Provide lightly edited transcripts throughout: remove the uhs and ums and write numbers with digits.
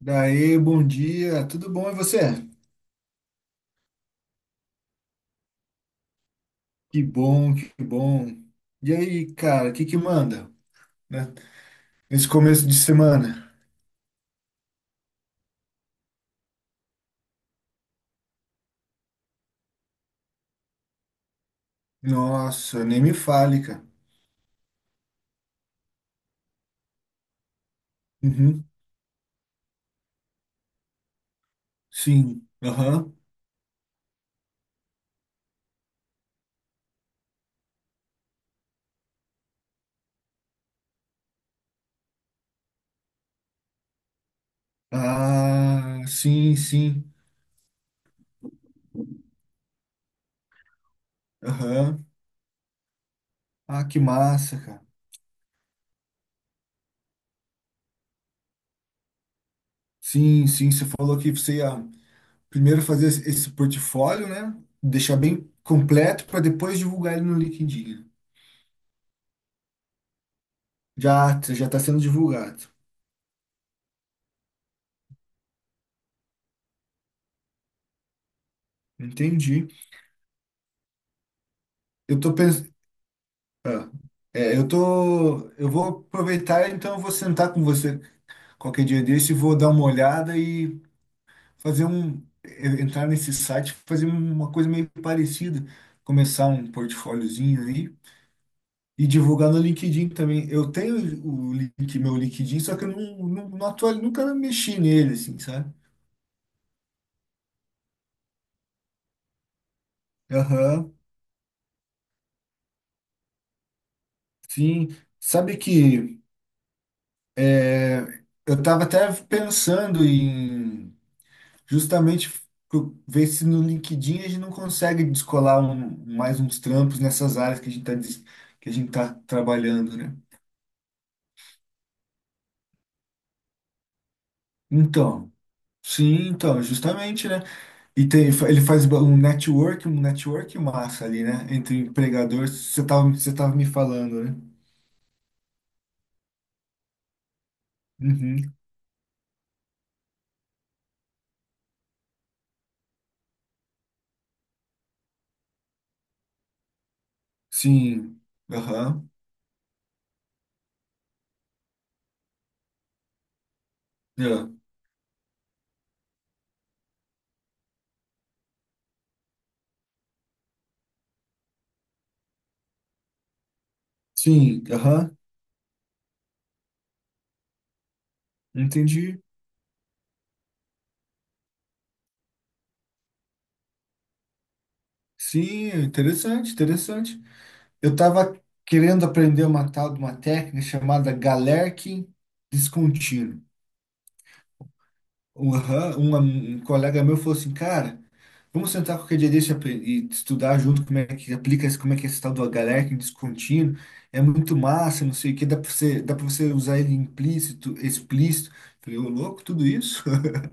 Daí, bom dia, tudo bom e você? Que bom, que bom. E aí, cara, o que manda, né? Nesse começo de semana? Nossa, nem me fale, cara. Uhum, sim, aham. Ah, sim, sim, aham. Ah, que massa, cara. Sim, sim, você falou que você ia primeiro fazer esse portfólio, né? Deixar bem completo para depois divulgar ele no LinkedIn. Já, já está sendo divulgado. Entendi. Eu tô Ah, É, eu tô, eu vou aproveitar, então eu vou sentar com você qualquer dia desse, e vou dar uma olhada e fazer um, entrar nesse site, fazer uma coisa meio parecida, começar um portfóliozinho aí e divulgar no LinkedIn também. Eu tenho o link, meu LinkedIn, só que eu nunca mexi nele, assim, sabe? Aham, sim. Sabe que é, eu tava até pensando em justamente ver se no LinkedIn a gente não consegue descolar mais uns trampos nessas áreas que a gente tá trabalhando, né? Então, sim, então, justamente, né? E tem, ele faz um network massa ali, né? Entre empregadores, você tava me falando, né? Uhum. Sim. Aham. É. Sim, aham. Entendi. Sim, interessante, interessante. Eu estava querendo aprender uma tal de uma técnica chamada Galerkin descontínuo. Um colega meu falou assim, cara, vamos sentar qualquer dia desse e estudar junto como é que aplica, como é que é esse tal do Galerkin descontínuo. É muito massa, não sei o que, dá para você usar ele implícito, explícito. Falei, ô louco, tudo isso?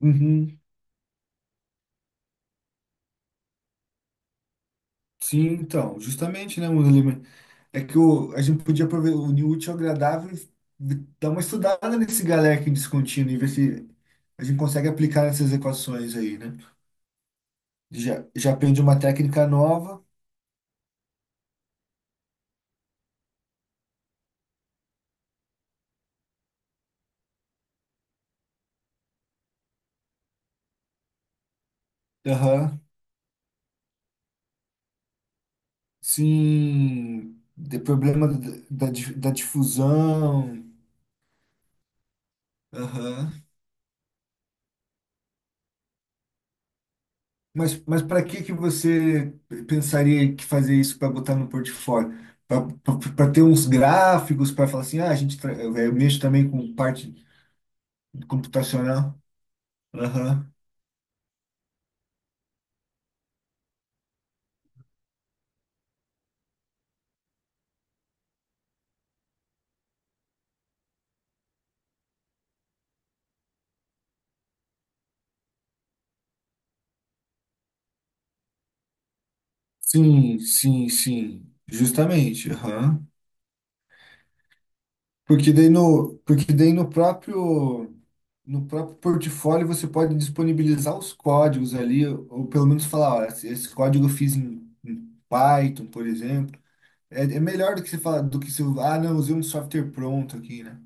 Uhum. Sim, então, justamente, né, é que o, a gente podia unir o útil ao agradável e dar uma estudada nesse Galerkin descontínuo e ver se a gente consegue aplicar nessas equações aí, né? Já, já aprendi uma técnica nova. Aham. Sim, de problema d- da, di- da difusão. Aham. Mas para que que você pensaria que fazer isso para botar no portfólio? Para ter uns gráficos, para falar assim, ah, eu mexo também com parte computacional. Aham. Sim, sim, sim, justamente, aham. Porque daí no próprio, no próprio portfólio você pode disponibilizar os códigos ali, ou pelo menos falar, ó, esse código eu fiz em, em Python, por exemplo. É, é melhor do que você falar, do que se, eu- ah, não, usei um software pronto aqui, né?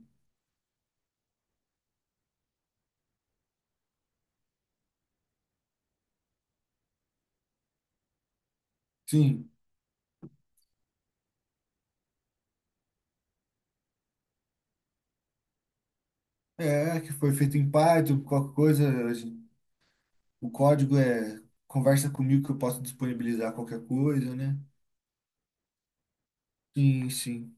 Sim, é, que foi feito em Python, qualquer coisa, o código é, conversa comigo que eu posso disponibilizar qualquer coisa, né? Sim, sim.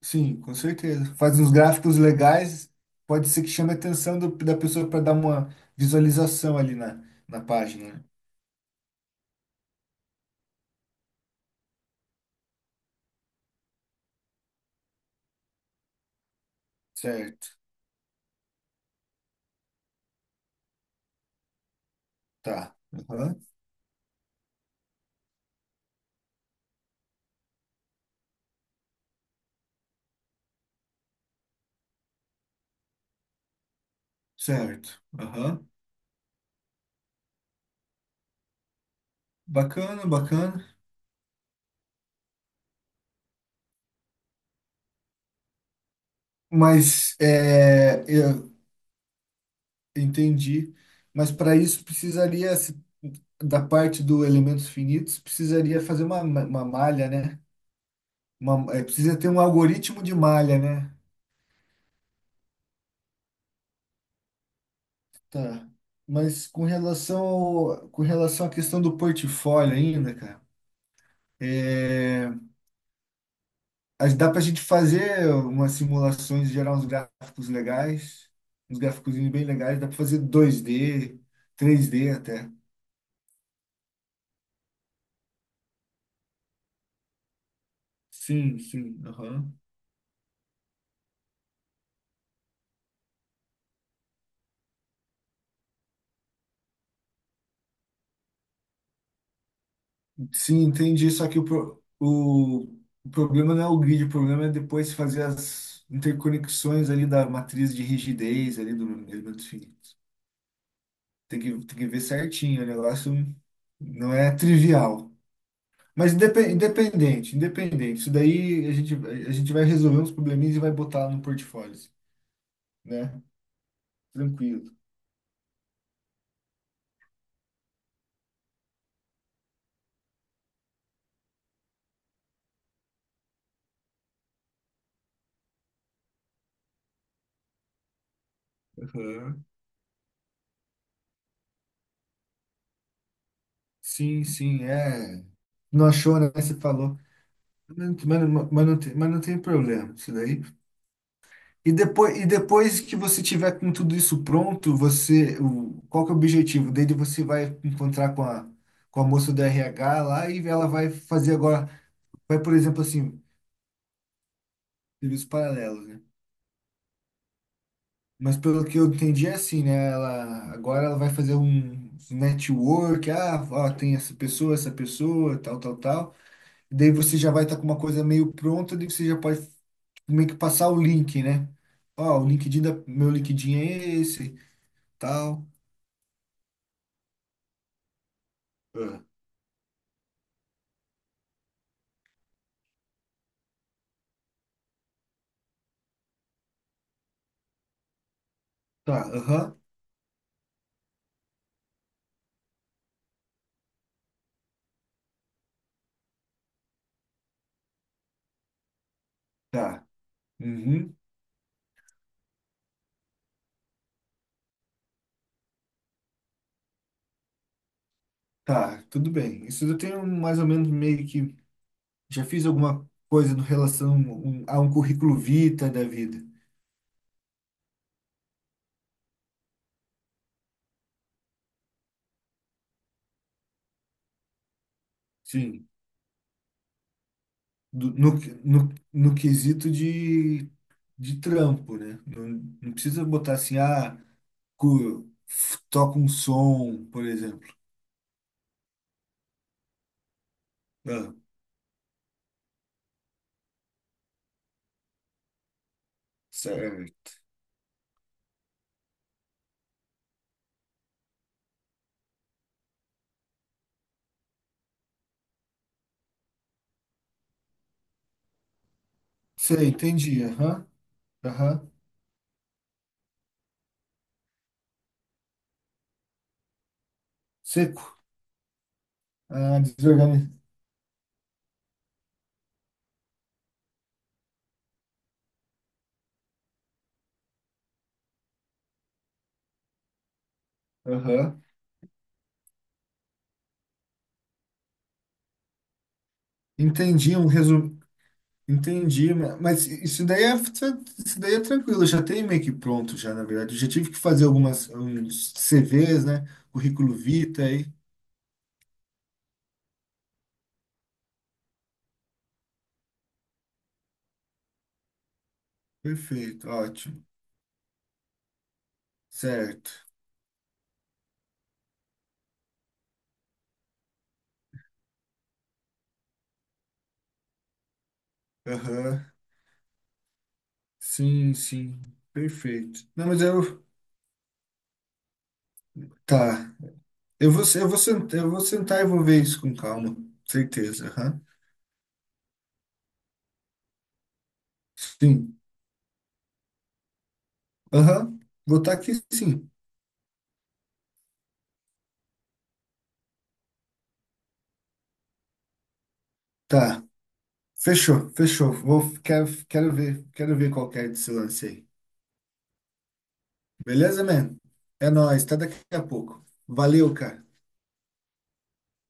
Sim, com certeza. Faz uns gráficos legais, pode ser que chame a atenção da pessoa para dar uma visualização ali na, na página, né? Certo, tá. Aham. Certo. Aham. Bacana, bacana. Mas é, eu entendi. Mas para isso precisaria, da parte do elementos finitos, precisaria fazer uma malha, né? É, precisa ter um algoritmo de malha, né? Tá. Mas com relação à questão do portfólio ainda, cara, é, dá para a gente fazer umas simulações, gerar uns gráficos legais, uns gráficos bem legais, dá para fazer dois d três d até. Sim, sim, aham. Sim, entendi. Só que o problema não é o grid, o problema é depois fazer as interconexões ali da matriz de rigidez ali do elemento finito. Tem que ver certinho, o negócio não é trivial. Mas independente, independente. Isso daí a gente vai resolver uns probleminhas e vai botar no portfólio, né? Tranquilo. Aham. Sim, sim, é. Não achou, né? Você falou. Mas não tem problema, isso daí. E depois que você tiver com tudo isso pronto, você, o, qual que é o objetivo dele? Você vai encontrar com a moça do RH lá e ela vai fazer agora. Vai, por exemplo, assim, serviços paralelos, né? Mas pelo que eu entendi é assim, né? Ela, agora ela vai fazer um network, ah, ó, tem essa pessoa, tal, tal, tal. E daí você já vai estar com uma coisa meio pronta, daí você já pode meio que passar o link, né? Ó, meu LinkedIn é esse, tal. Ah, tá, aham, tá. Uhum, tá, tudo bem. Isso eu tenho mais ou menos meio que já fiz alguma coisa no relação a um currículo vitae da vida. Sim. do- no, no quesito de trampo, né? Não, não precisa botar assim, ah, toca um som, por exemplo. Ah, certo. Sei, entendi. Aham, aham. Seco. Ah, desorganizado. Aham. Entendi, um resumo. Entendi, mas isso daí é tranquilo, já tem meio que pronto já, na verdade. Eu já tive que fazer algumas uns CVs, né? Currículo vitae. Perfeito, ótimo. Certo. Aham. Sim, sim, perfeito. Não, mas eu, tá. Eu vou sentar e vou ver isso com calma, certeza. Aham. Sim, aham. Vou estar aqui, sim. Tá. Fechou, fechou. Quero ver qual que é desse lance aí. Beleza, man? É nóis. Até daqui a pouco. Valeu, cara.